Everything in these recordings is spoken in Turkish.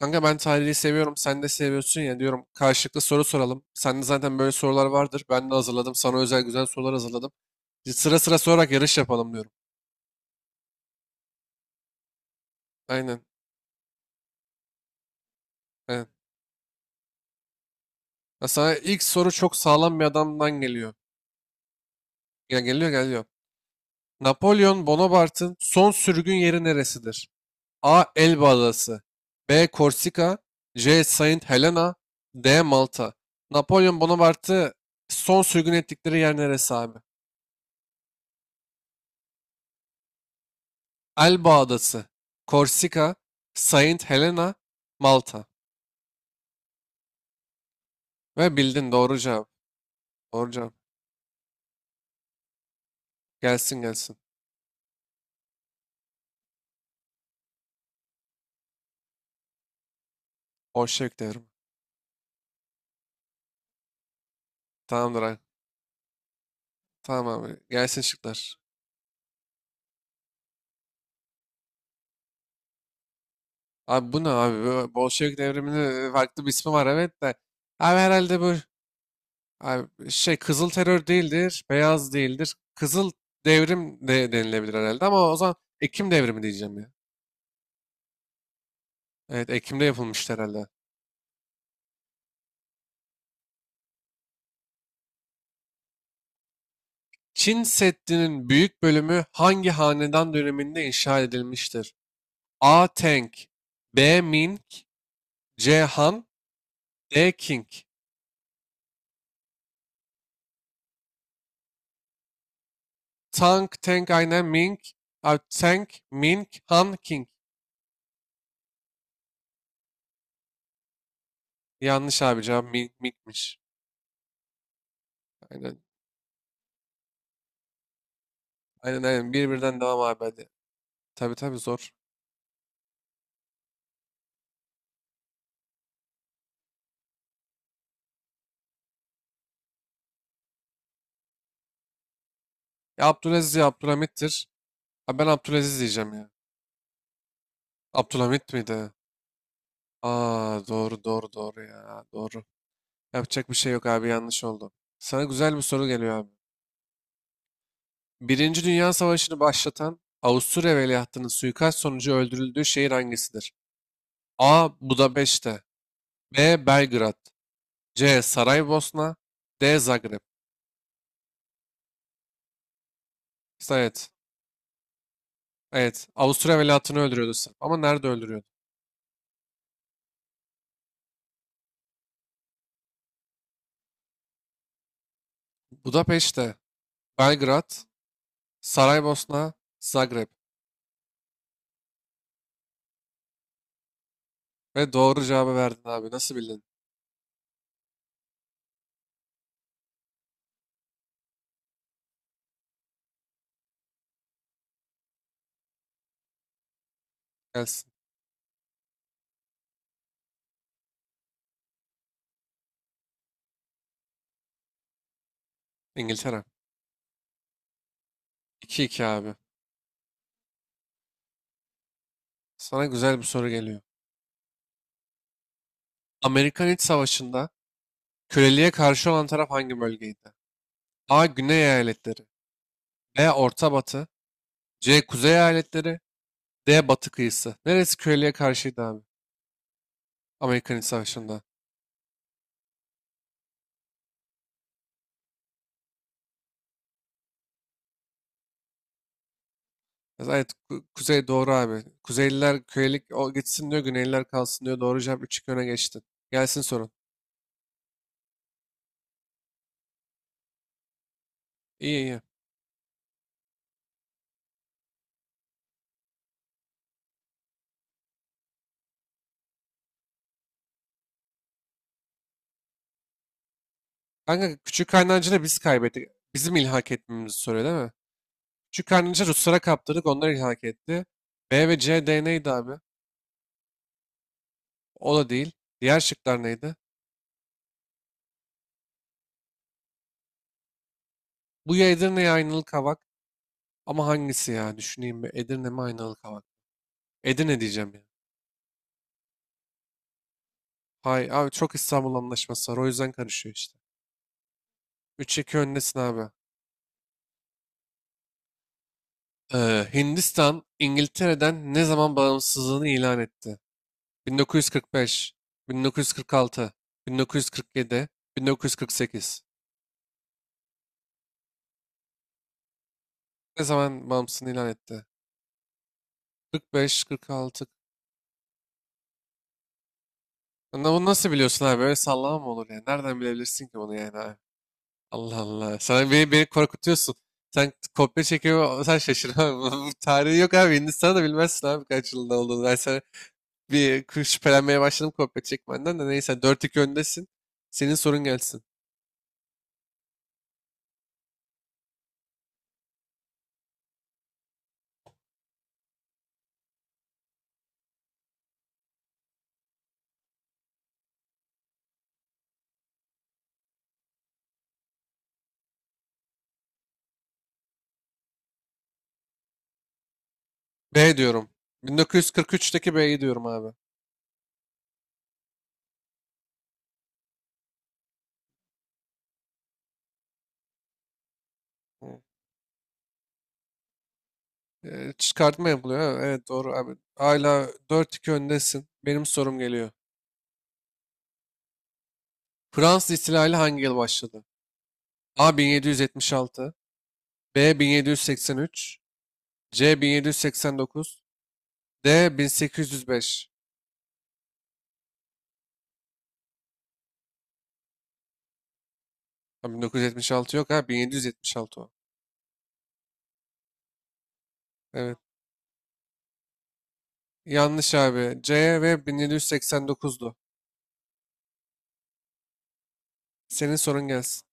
Kanka ben tarihi seviyorum. Sen de seviyorsun ya, diyorum. Karşılıklı soru soralım. Sende zaten böyle sorular vardır. Ben de hazırladım. Sana özel güzel sorular hazırladım. Sıra sıra sorarak yarış yapalım diyorum. Aynen. Aynen. Ya, sana ilk soru çok sağlam bir adamdan geliyor. Ya, geliyor geliyor. Napolyon Bonaparte'ın son sürgün yeri neresidir? A. Elba Adası. B. Korsika. C. Saint Helena. D. Malta. Napolyon Bonaparte'ı son sürgün ettikleri yer neresi abi? Elba Adası, Korsika, Saint Helena, Malta. Ve bildin, doğru cevap. Doğru cevap. Gelsin gelsin. Bolşevik devrimi. Tamamdır abi. Tamam abi. Gelsin şıklar. Abi, bu ne abi? Bu Bolşevik devriminin farklı bir ismi var, evet de. Abi herhalde bu abi şey kızıl terör değildir. Beyaz değildir. Kızıl devrim de denilebilir herhalde, ama o zaman Ekim devrimi diyeceğim ya. Evet, Ekim'de yapılmıştı herhalde. Çin Seddi'nin büyük bölümü hangi hanedan döneminde inşa edilmiştir? A. Tang B. Ming C. Han D. King Tang, Tang aynen Ming. Abi Tang, Ming, Han, King. Yanlış abi cevap, Ming, Ming'miş. Aynen. Aynen aynen. Bir birden devam abi, hadi. Tabii tabii zor. Ya Abdülaziz ya Abdülhamit'tir. Abi ben Abdülaziz diyeceğim ya. Abdülhamit miydi? Aa, doğru doğru doğru ya. Doğru. Yapacak bir şey yok abi, yanlış oldu. Sana güzel bir soru geliyor abi. Birinci Dünya Savaşı'nı başlatan Avusturya Veliahtının suikast sonucu öldürüldüğü şehir hangisidir? A. Budapeşte B. Belgrad C. Saraybosna D. Zagreb Evet. Evet. Avusturya Veliahtını öldürüyordu Sırp. Ama nerede öldürüyordu? Budapeşte, Belgrad, Saraybosna, Zagreb. Ve doğru cevabı verdin abi. Nasıl bildin? Gelsin. İngiltere. 2 iki abi. Sana güzel bir soru geliyor. Amerikan İç Savaşı'nda köleliğe karşı olan taraf hangi bölgeydi? A. Güney eyaletleri. B. Orta Batı. C. Kuzey Eyaletleri. D. Batı kıyısı. Neresi köylüye karşıydı abi? Amerikan İç Savaşı'nda. Evet, Kuzey doğru abi. Kuzeyliler köylük o gitsin diyor, Güneyliler kalsın diyor. Doğru cevap, 3-2 öne geçtin. Gelsin sorun. İyi iyi. Kanka Küçük da biz kaybettik. Bizim ilhak etmemizi soruyor, değil mi? Küçük kaynancı Ruslara kaptırdık, onlar ilhak etti. B ve C, D neydi abi? O da değil. Diğer şıklar neydi? Bu ya Edirne ya Aynalı Kavak. Ama hangisi ya? Düşüneyim bir. Edirne mi, Aynalı Kavak? Edirne diyeceğim ya. Hay abi, çok İstanbul Anlaşması var. O yüzden karışıyor işte. 3-2 öndesin abi. Hindistan İngiltere'den ne zaman bağımsızlığını ilan etti? 1945, 1946, 1947, 1948. Ne zaman bağımsızlığını ilan etti? 45, 46. Lan, bunu nasıl biliyorsun abi? Öyle sallama mı olur yani? Nereden bilebilirsin ki bunu yani abi? Allah Allah. Sen beni korkutuyorsun. Sen kopya çekiyor, sen şaşır abi. Bu tarihi yok abi. Hindistan'ı da bilmezsin abi kaç yılında olduğunu. Ben sana şüphelenmeye başladım kopya çekmenden de, neyse, 4-2 öndesin. Senin sorun gelsin. B diyorum. 1943'teki B'yi diyorum abi. Çıkartma yapılıyor. Ha? Evet doğru abi. Hala 4-2 öndesin. Benim sorum geliyor. Fransız ihtilali hangi yıl başladı? A 1776, B 1783, C 1789, D 1805. Ha, 1976 yok, ha 1776 o. Evet. Yanlış abi. C ve 1789'du. Senin sorun gelsin.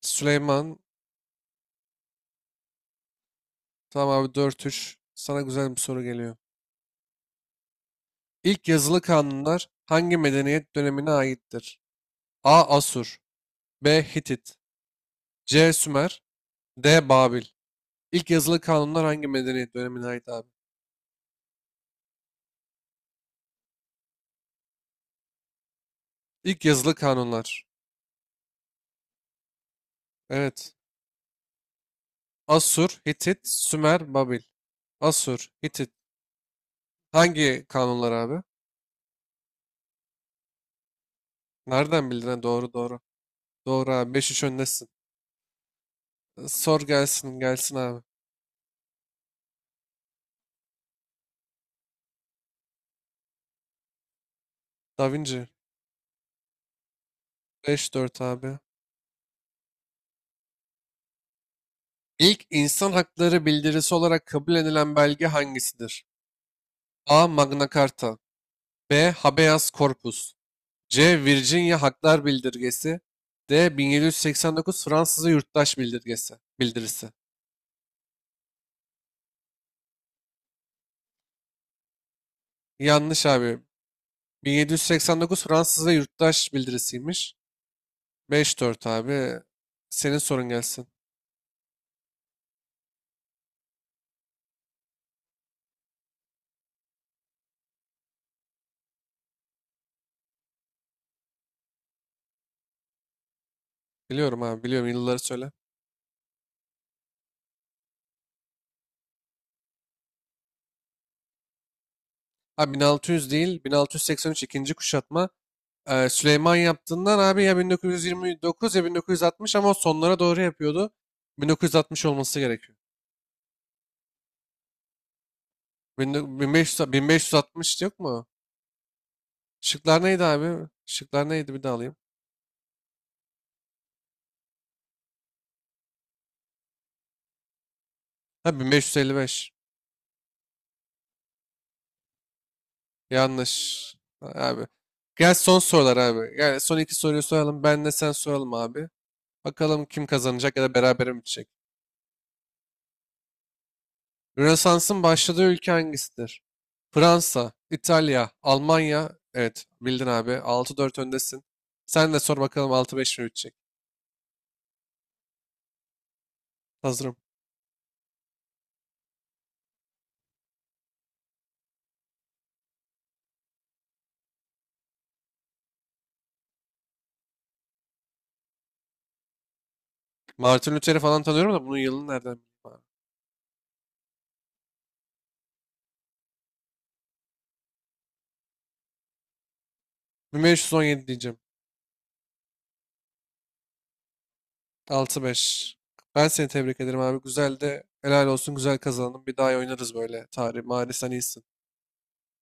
Süleyman, tamam abi, 4-3. Sana güzel bir soru geliyor. İlk yazılı kanunlar hangi medeniyet dönemine aittir? A. Asur B. Hitit C. Sümer D. Babil İlk yazılı kanunlar hangi medeniyet dönemine ait abi? İlk yazılı kanunlar. Evet. Asur, Hitit, Sümer, Babil. Asur, Hitit. Hangi kanunlar abi? Nereden bildin? Ha, doğru doğru. Doğru abi. Beş 3 öndesin. Sor, gelsin gelsin abi. Da Vinci. 5-4 abi. İlk insan hakları bildirisi olarak kabul edilen belge hangisidir? A. Magna Carta B. Habeas Corpus C. Virginia Haklar Bildirgesi D. 1789 Fransız ve Yurttaş Bildirgesi Bildirisi. Yanlış abi. 1789 Fransız ve Yurttaş Bildirisiymiş. 5-4 abi. Senin sorun gelsin. Biliyorum abi biliyorum, yılları söyle. Abi 1600 değil, 1683 ikinci kuşatma. Süleyman yaptığından abi ya 1929 ya 1960, ama o sonlara doğru yapıyordu. 1960 olması gerekiyor. 1500, 1560 yok mu? Şıklar neydi abi? Şıklar neydi, bir daha alayım. Ha, 1555. Yanlış. Abi. Gel son sorular abi. Gel, son iki soruyu soralım. Ben de sen soralım abi. Bakalım kim kazanacak ya da berabere mi bitecek. Rönesans'ın başladığı ülke hangisidir? Fransa, İtalya, Almanya. Evet, bildin abi. 6-4 öndesin. Sen de sor bakalım, 6-5 mi bitecek? Hazırım. Martin Luther'i falan tanıyorum da bunun yılını nereden bileyim abi? 1517 diyeceğim. 6-5. Ben seni tebrik ederim abi. Güzel de, helal olsun, güzel kazandın. Bir daha oynarız böyle. Tarih, maalesef sen iyisin.